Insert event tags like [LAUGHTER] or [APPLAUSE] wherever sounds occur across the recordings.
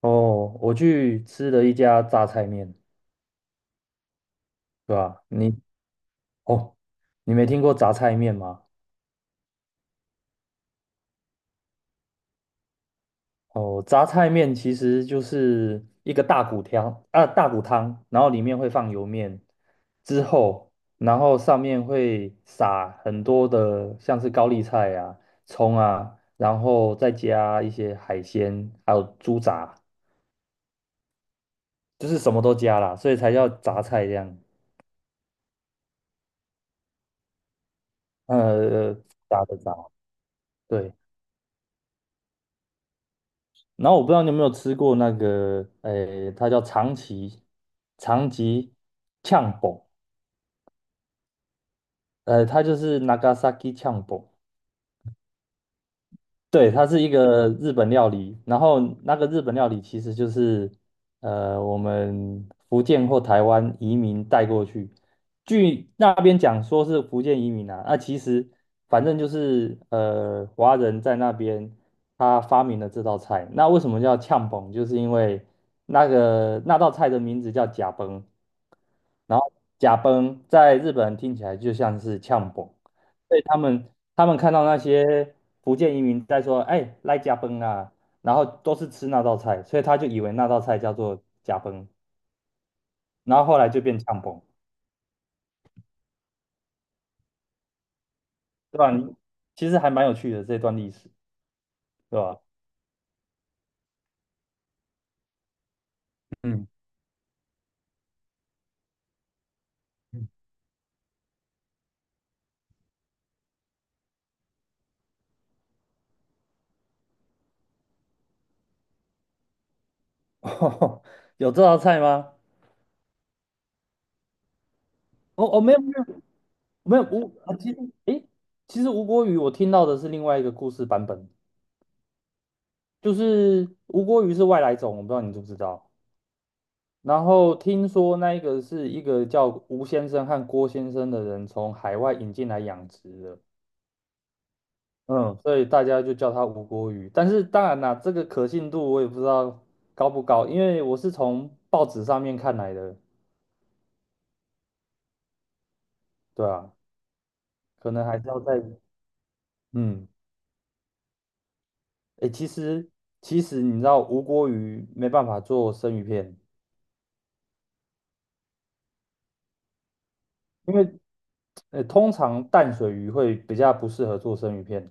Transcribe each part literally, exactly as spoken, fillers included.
哦，我去吃了一家榨菜面，对吧？你哦，你没听过榨菜面吗？哦，榨菜面其实就是一个大骨汤啊，大骨汤，然后里面会放油面，之后，然后上面会撒很多的像是高丽菜啊、葱啊，然后再加一些海鲜，还有猪杂，就是什么都加啦，所以才叫榨菜这样。呃，呃呃炸的炸，对。然后我不知道你有没有吃过那个，诶，它叫长崎长崎呛煲，呃，它就是 Nagasaki 呛煲，对，它是一个日本料理，然后那个日本料理其实就是呃我们福建或台湾移民带过去，据那边讲说是福建移民啊，那其实反正就是呃华人在那边他发明了这道菜，那为什么叫呛崩？就是因为那个那道菜的名字叫甲崩，然后甲崩在日本人听起来就像是呛崩。所以他们他们看到那些福建移民在说，哎，来加崩啊，然后都是吃那道菜，所以他就以为那道菜叫做加崩，然后后来就变呛崩，对吧？你其实还蛮有趣的这段历史，对吧？嗯，嗯 [LAUGHS] 有这道菜吗？哦哦，没有没有没有吴啊，其实诶，其实吴郭鱼我听到的是另外一个故事版本，就是吴郭鱼是外来种，我不知道你知不知道。然后听说那一个是一个叫吴先生和郭先生的人从海外引进来养殖的，嗯，所以大家就叫它吴郭鱼。但是当然啦，这个可信度我也不知道高不高，因为我是从报纸上面看来的，对啊，可能还是要再嗯，诶，其实其实你知道吴郭鱼没办法做生鱼片，因为呃通常淡水鱼会比较不适合做生鱼片。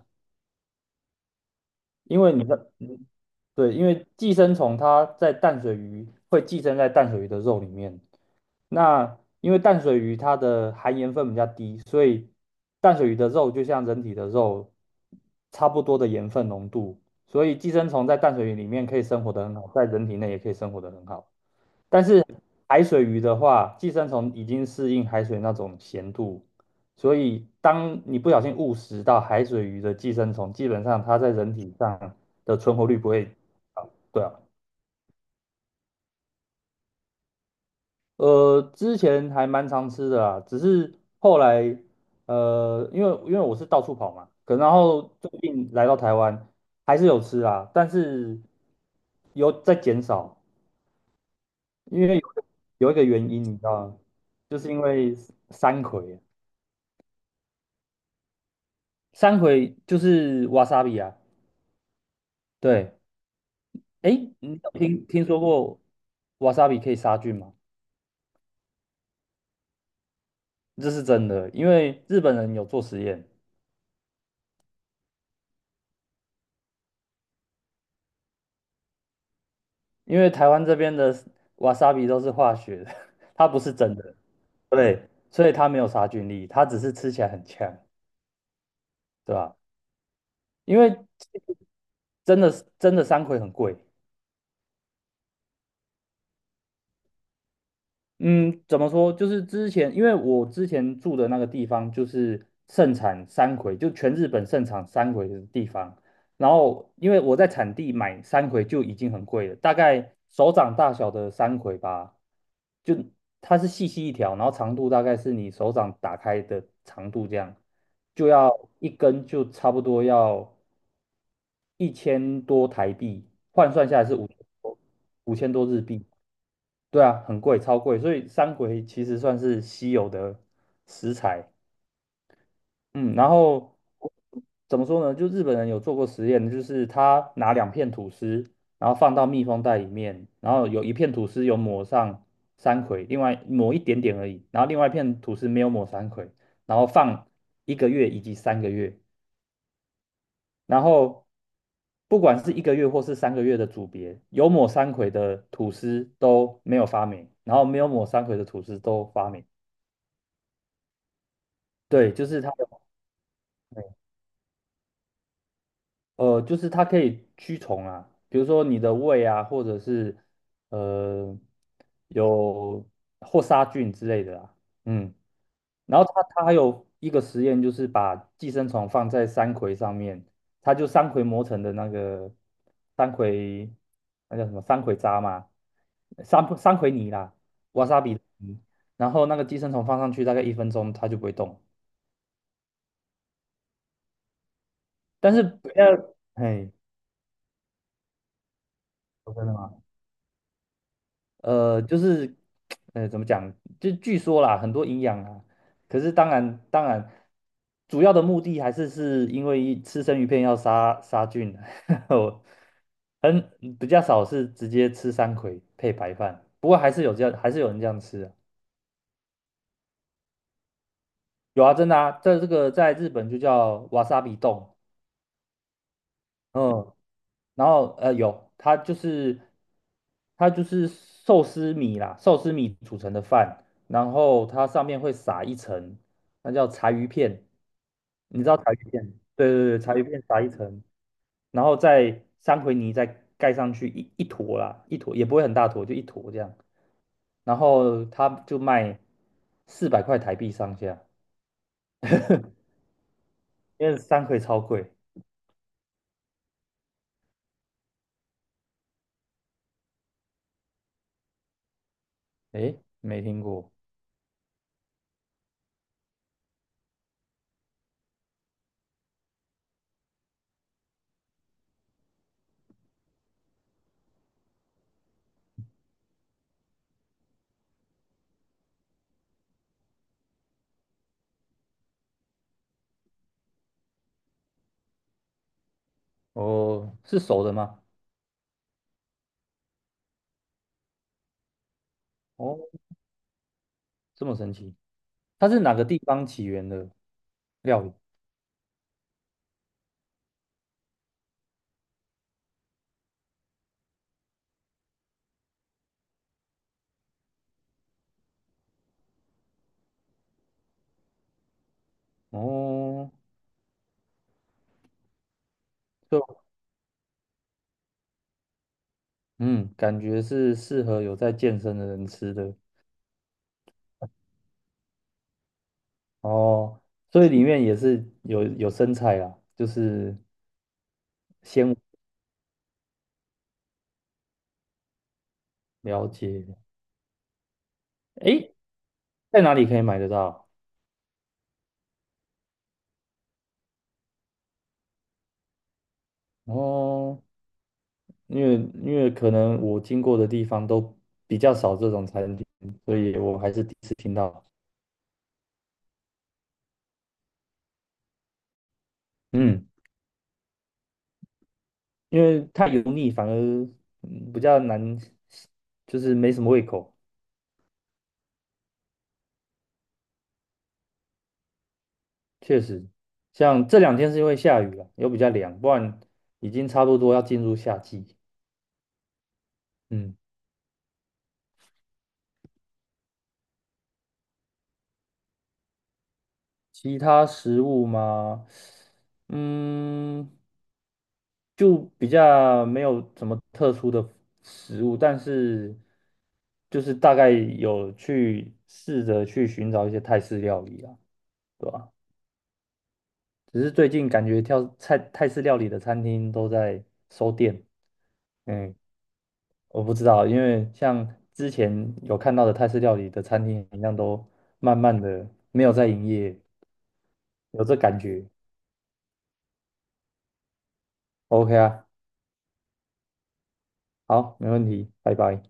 因为你的，嗯对，因为寄生虫它在淡水鱼会寄生在淡水鱼的肉里面。那因为淡水鱼它的含盐分比较低，所以淡水鱼的肉就像人体的肉差不多的盐分浓度，所以寄生虫在淡水鱼里面可以生活得很好，在人体内也可以生活得很好。但是海水鱼的话，寄生虫已经适应海水那种咸度，所以当你不小心误食到海水鱼的寄生虫，基本上它在人体上的存活率不会高。对啊，呃，之前还蛮常吃的啦，只是后来呃，因为因为我是到处跑嘛，可然后最近来到台湾还是有吃啊，但是有在减少，因为有有一个原因你知道吗？就是因为山葵。三葵就是瓦 a 比啊，对，哎，你有听听说过瓦 a 比可以杀菌吗？这是真的，因为日本人有做实验，因为台湾这边的瓦 a 比都是化学的，[LAUGHS] 它不是真的，对，所以它没有杀菌力，它只是吃起来很呛，对吧？因为真的真的山葵很贵，嗯，怎么说？就是之前，因为我之前住的那个地方就是盛产山葵，就全日本盛产山葵的地方。然后，因为我在产地买山葵就已经很贵了，大概手掌大小的山葵吧，就它是细细一条，然后长度大概是你手掌打开的长度这样，就要一根就差不多要一千多台币，换算下来是五五千多日币。对啊，很贵，超贵，所以山葵其实算是稀有的食材。嗯，然后怎么说呢？就日本人有做过实验，就是他拿两片吐司，然后放到密封袋里面，然后有一片吐司有抹上山葵，另外抹一点点而已，然后另外一片吐司没有抹山葵，然后放一个月以及三个月，然后不管是一个月或是三个月的组别，有抹山葵的吐司都没有发霉，然后没有抹山葵的吐司都发霉。对，就是它的，呃，就是它可以驱虫啊，比如说你的胃啊，或者是呃有或杀菌之类的啊，嗯。然后他他还有一个实验，就是把寄生虫放在山葵上面，他就山葵磨成的那个山葵，那叫什么山葵渣嘛，山山葵泥啦瓦萨比泥。然后那个寄生虫放上去大概一分钟，它就不会动。但是不要，嘿，哦真的吗？呃，就是，呃，怎么讲？就据说啦，很多营养啊。可是当然，当然，主要的目的还是是因为吃生鱼片要杀杀菌啊，[LAUGHS] 我很比较少是直接吃山葵配白饭。不过还是有这样，还是有人这样吃啊。有啊，真的啊，在这个在日本就叫瓦萨比冻，嗯，然后呃有，它就是它就是寿司米啦，寿司米煮成的饭，然后它上面会撒一层，那叫柴鱼片，你知道柴鱼片？对对对，柴鱼片撒一层，然后再三葵泥再盖上去一一坨啦，一坨也不会很大坨，就一坨这样，然后它就卖四百块台币上下，因为三葵超贵，诶，没听过哦，是熟的吗？哦。这么神奇？它是哪个地方起源的料理？哦，就嗯，感觉是适合有在健身的人吃的哦，所以里面也是有有生菜啦，就是先了解。诶，在哪里可以买得到？哦，因为因为可能我经过的地方都比较少这种餐厅，所以我还是第一次听到。嗯，因为太油腻反而嗯比较难，就是没什么胃口。确实，像这两天是因为下雨了，又比较凉，不然已经差不多要进入夏季。嗯，其他食物嘛，嗯，就比较没有什么特殊的食物，但是就是大概有去试着去寻找一些泰式料理啊，对吧？只是最近感觉跳泰泰式料理的餐厅都在收店，嗯。我不知道，因为像之前有看到的泰式料理的餐厅一样，都慢慢的没有在营业，有这感觉。OK 啊，好，没问题，拜拜。